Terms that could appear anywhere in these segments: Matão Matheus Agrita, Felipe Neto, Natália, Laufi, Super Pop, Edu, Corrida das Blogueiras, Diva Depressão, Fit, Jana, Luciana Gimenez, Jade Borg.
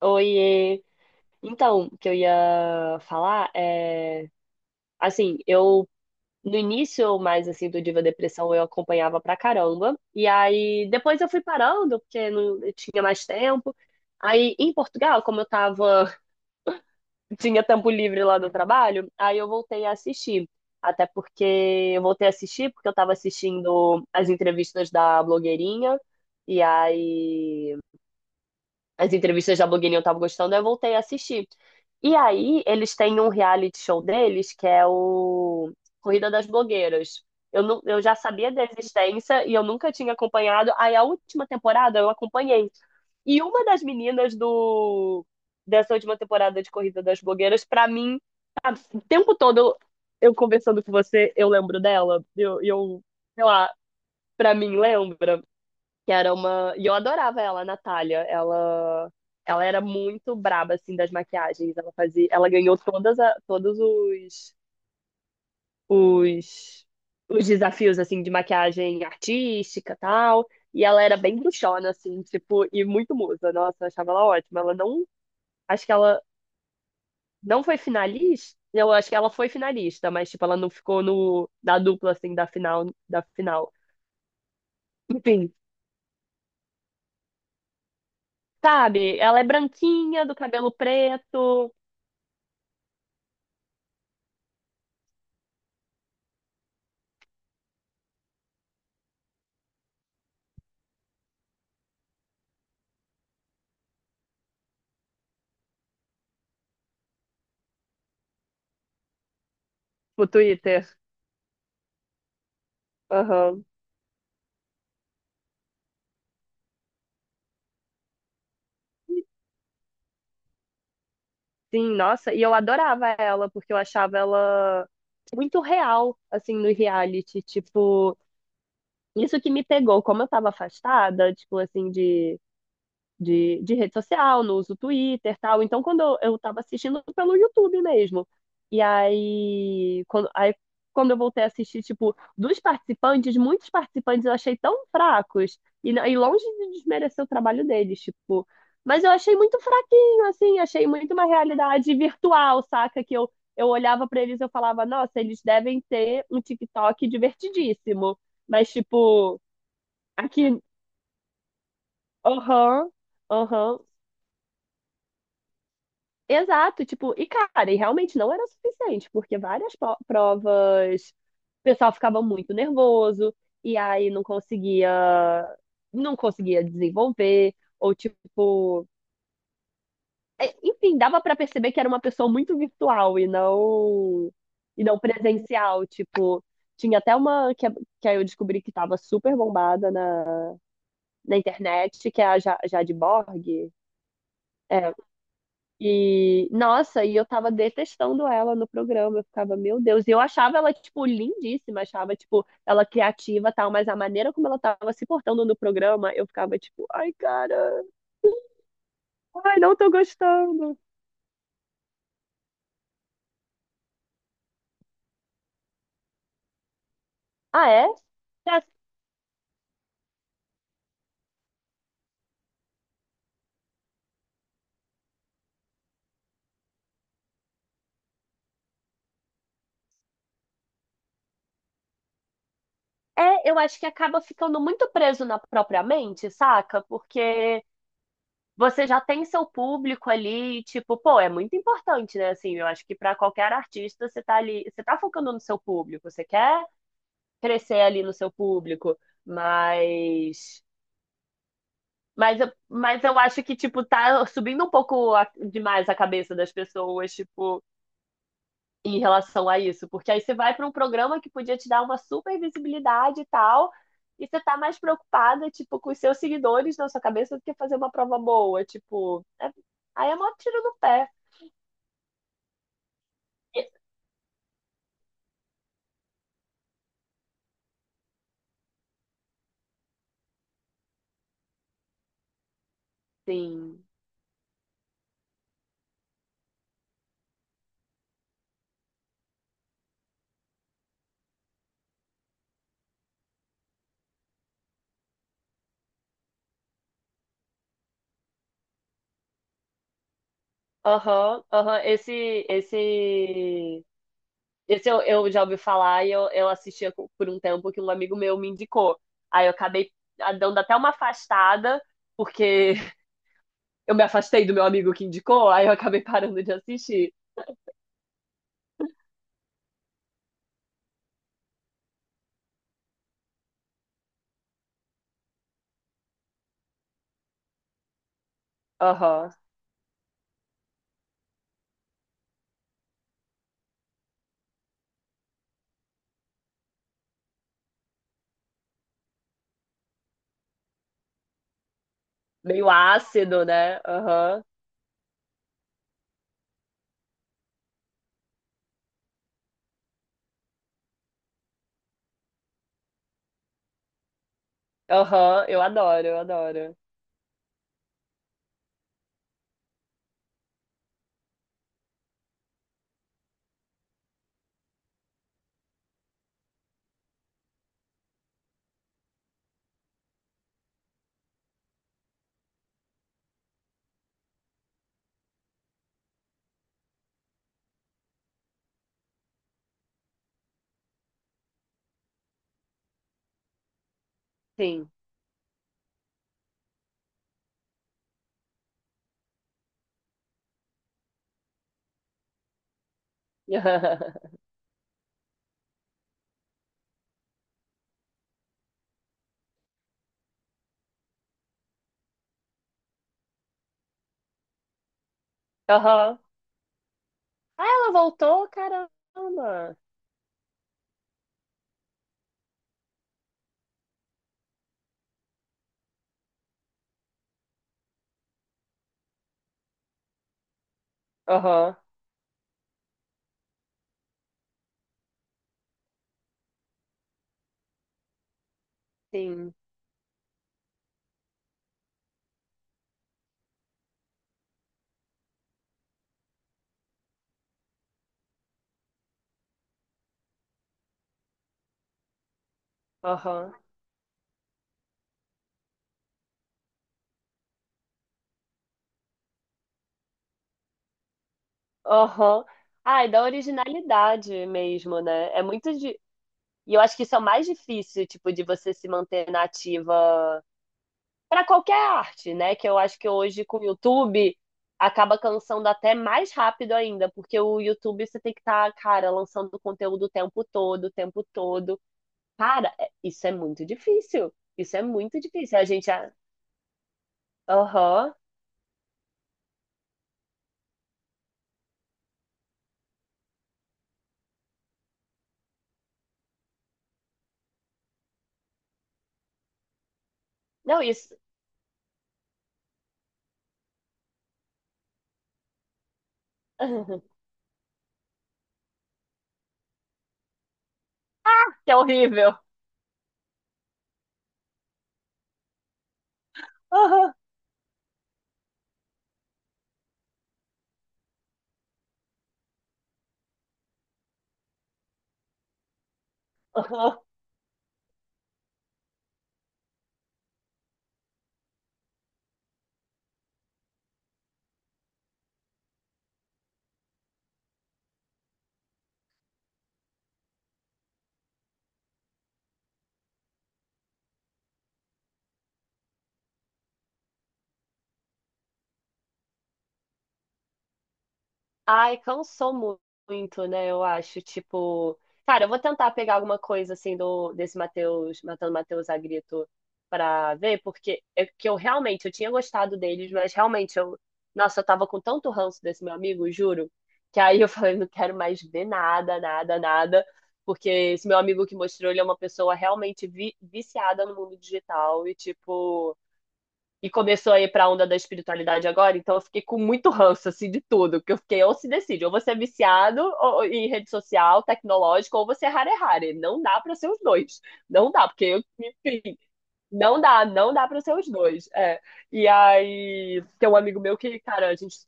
Oiê. Então, o que eu ia falar é, assim, eu no início mais assim do Diva Depressão eu acompanhava pra caramba, e aí depois eu fui parando porque não eu tinha mais tempo. Aí em Portugal, como eu tava, tinha tempo livre lá do trabalho, aí eu voltei a assistir. Até porque eu voltei a assistir porque eu tava assistindo as entrevistas da blogueirinha e aí as entrevistas da blogueirinha eu tava gostando, eu voltei a assistir. E aí, eles têm um reality show deles, que é o Corrida das Blogueiras. Eu, não, Eu já sabia da existência e eu nunca tinha acompanhado. Aí, a última temporada eu acompanhei. E uma das meninas do dessa última temporada de Corrida das Blogueiras, pra mim, o tempo todo eu conversando com você, eu lembro dela. Sei lá, pra mim, lembra que era uma. E eu adorava ela, a Natália. Ela era muito braba, assim, das maquiagens. Ela fazia, ela ganhou todos os os desafios, assim, de maquiagem artística, tal. E ela era bem bruxona, assim, tipo, e muito musa. Nossa, eu achava ela ótima. Ela não, acho que ela não foi finalista. Eu acho que ela foi finalista, mas tipo, ela não ficou no da dupla assim da final, da final. Enfim, sabe? Ela é branquinha, do cabelo preto. O Twitter. Aham. Sim, nossa, e eu adorava ela, porque eu achava ela muito real, assim, no reality. Tipo, isso que me pegou, como eu tava afastada, tipo, assim, de rede social, no uso Twitter, tal. Então, eu tava assistindo pelo YouTube mesmo. E aí quando, aí, quando eu voltei a assistir, tipo, dos participantes, muitos participantes eu achei tão fracos. E, e longe de desmerecer o trabalho deles, tipo. Mas eu achei muito fraquinho, assim, achei muito uma realidade virtual, saca? Que eu olhava pra eles e eu falava, nossa, eles devem ter um TikTok divertidíssimo. Mas, tipo, aqui, aham, aham, exato, tipo, e cara, e realmente não era o suficiente, porque várias provas o pessoal ficava muito nervoso e aí não conseguia não conseguia desenvolver ou tipo, é, enfim, dava pra perceber que era uma pessoa muito virtual e não presencial, tipo, tinha até uma que aí eu descobri que tava super bombada na internet, que é a Jade Borg. É. E, nossa, e eu tava detestando ela no programa. Eu ficava, meu Deus. E eu achava ela, tipo, lindíssima. Achava, tipo, ela criativa e tal. Mas a maneira como ela tava se portando no programa, eu ficava, tipo, ai, cara. Ai, não tô gostando. Ah, é? Já- É, eu acho que acaba ficando muito preso na própria mente, saca? Porque você já tem seu público ali, tipo, pô, é muito importante, né? Assim, eu acho que pra qualquer artista, você tá ali, você tá focando no seu público, você quer crescer ali no seu público, mas mas eu acho que tipo tá subindo um pouco demais a cabeça das pessoas, tipo, em relação a isso, porque aí você vai para um programa que podia te dar uma super visibilidade e tal, e você tá mais preocupada, tipo, com os seus seguidores na sua cabeça do que fazer uma prova boa, tipo, aí é mó tiro no pé. E- Sim. Aham, aham. Esse Esse eu já ouvi falar e eu assistia por um tempo que um amigo meu me indicou. Aí eu acabei ah, dando até uma afastada, porque eu me afastei do meu amigo que indicou, aí eu acabei parando de assistir. Aham. Meio ácido, né? Aham. Aham. Eu adoro, eu adoro. Sim. Aham. Ah, ela voltou? Caramba. Aham. Sim. Aham. Aham. Ai, da originalidade mesmo, né? E eu acho que isso é o mais difícil, tipo, de você se manter nativa para qualquer arte, né? Que eu acho que hoje com o YouTube acaba cansando até mais rápido ainda, porque o YouTube você tem que estar, cara, lançando conteúdo o tempo todo, o tempo todo. Cara, isso é muito difícil. Isso é muito difícil. A gente, ah, aham. Não, isso. Que é horrível. Aham. Ai, muito, né? Eu acho, tipo, cara, eu vou tentar pegar alguma coisa assim do desse Matheus, Matando Matheus Agrito pra ver, porque é que eu realmente eu tinha gostado deles, mas realmente eu, nossa, eu tava com tanto ranço desse meu amigo, juro, que aí eu falei, não quero mais ver nada, nada, nada, porque esse meu amigo que mostrou, ele é uma pessoa realmente viciada no mundo digital e tipo e começou a ir pra onda da espiritualidade agora, então eu fiquei com muito ranço, assim, de tudo, porque eu fiquei, ou se decide, ou você é viciado em rede social, tecnológico, ou você é rare rare, não dá pra ser os dois, não dá, porque eu, enfim, não dá, não dá pra ser os dois, é. E aí, tem um amigo meu que, cara, a gente se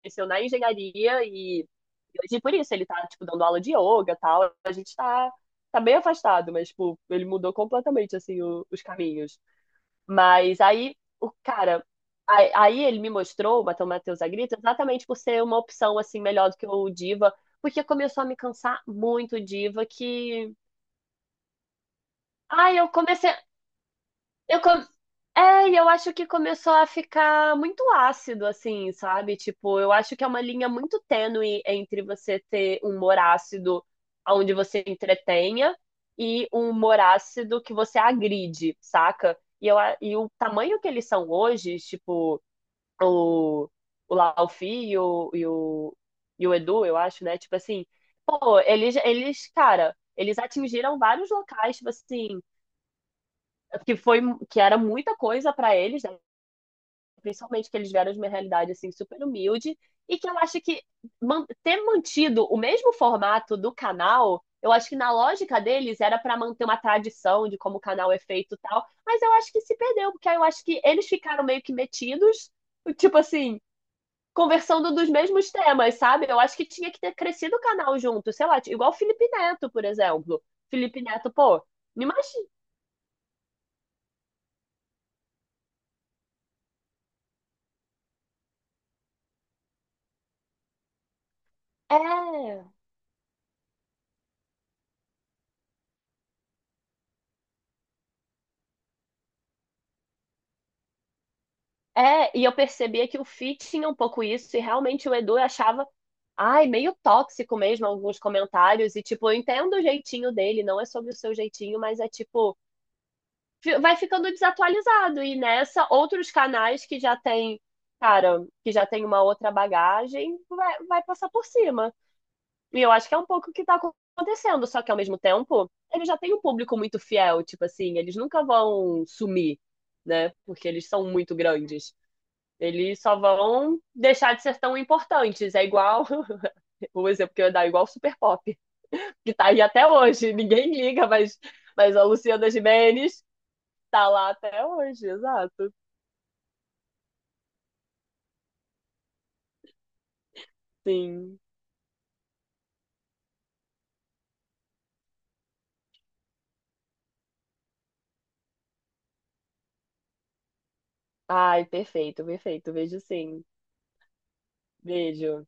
conheceu na engenharia e hoje por isso ele tá, tipo, dando aula de yoga e tal, a gente tá, tá bem afastado, mas, tipo, ele mudou completamente, assim, os caminhos. Mas aí, o cara, aí ele me mostrou o Matão Matheus Agrita exatamente por ser uma opção assim melhor do que o Diva, porque começou a me cansar muito o Diva que, ai, eu comecei, eu com- é, e eu acho que começou a ficar muito ácido assim, sabe? Tipo, eu acho que é uma linha muito tênue entre você ter um humor ácido onde você entretenha e um humor ácido que você agride, saca? E o tamanho que eles são hoje, tipo, o, o Laufi e o, e o, e o Edu, eu acho, né? Tipo assim, pô, cara, eles atingiram vários locais, tipo assim, que foi, que era muita coisa pra eles, né? Principalmente que eles vieram de uma realidade, assim, super humilde, e que eu acho que ter mantido o mesmo formato do canal, eu acho que na lógica deles era pra manter uma tradição de como o canal é feito e tal, mas eu acho que se perdeu, porque aí eu acho que eles ficaram meio que metidos, tipo assim, conversando dos mesmos temas, sabe? Eu acho que tinha que ter crescido o canal junto, sei lá, igual o Felipe Neto, por exemplo. Felipe Neto, pô, me imagina. É, é, e eu percebia que o Fit tinha um pouco isso, e realmente o Edu eu achava, ai, meio tóxico mesmo alguns comentários, e tipo, eu entendo o jeitinho dele, não é sobre o seu jeitinho, mas é tipo, vai ficando desatualizado. E nessa, outros canais que já tem, cara, que já tem uma outra bagagem, vai passar por cima. E eu acho que é um pouco o que tá acontecendo, só que ao mesmo tempo, eles já têm um público muito fiel, tipo assim, eles nunca vão sumir, né? Porque eles são muito grandes. Eles só vão deixar de ser tão importantes. É igual, o exemplo que eu ia dar, é igual o Super Pop, que tá aí até hoje. Ninguém liga, mas a Luciana Gimenez tá lá até hoje, exato. Sim. Ai, perfeito, perfeito. Vejo sim. Vejo.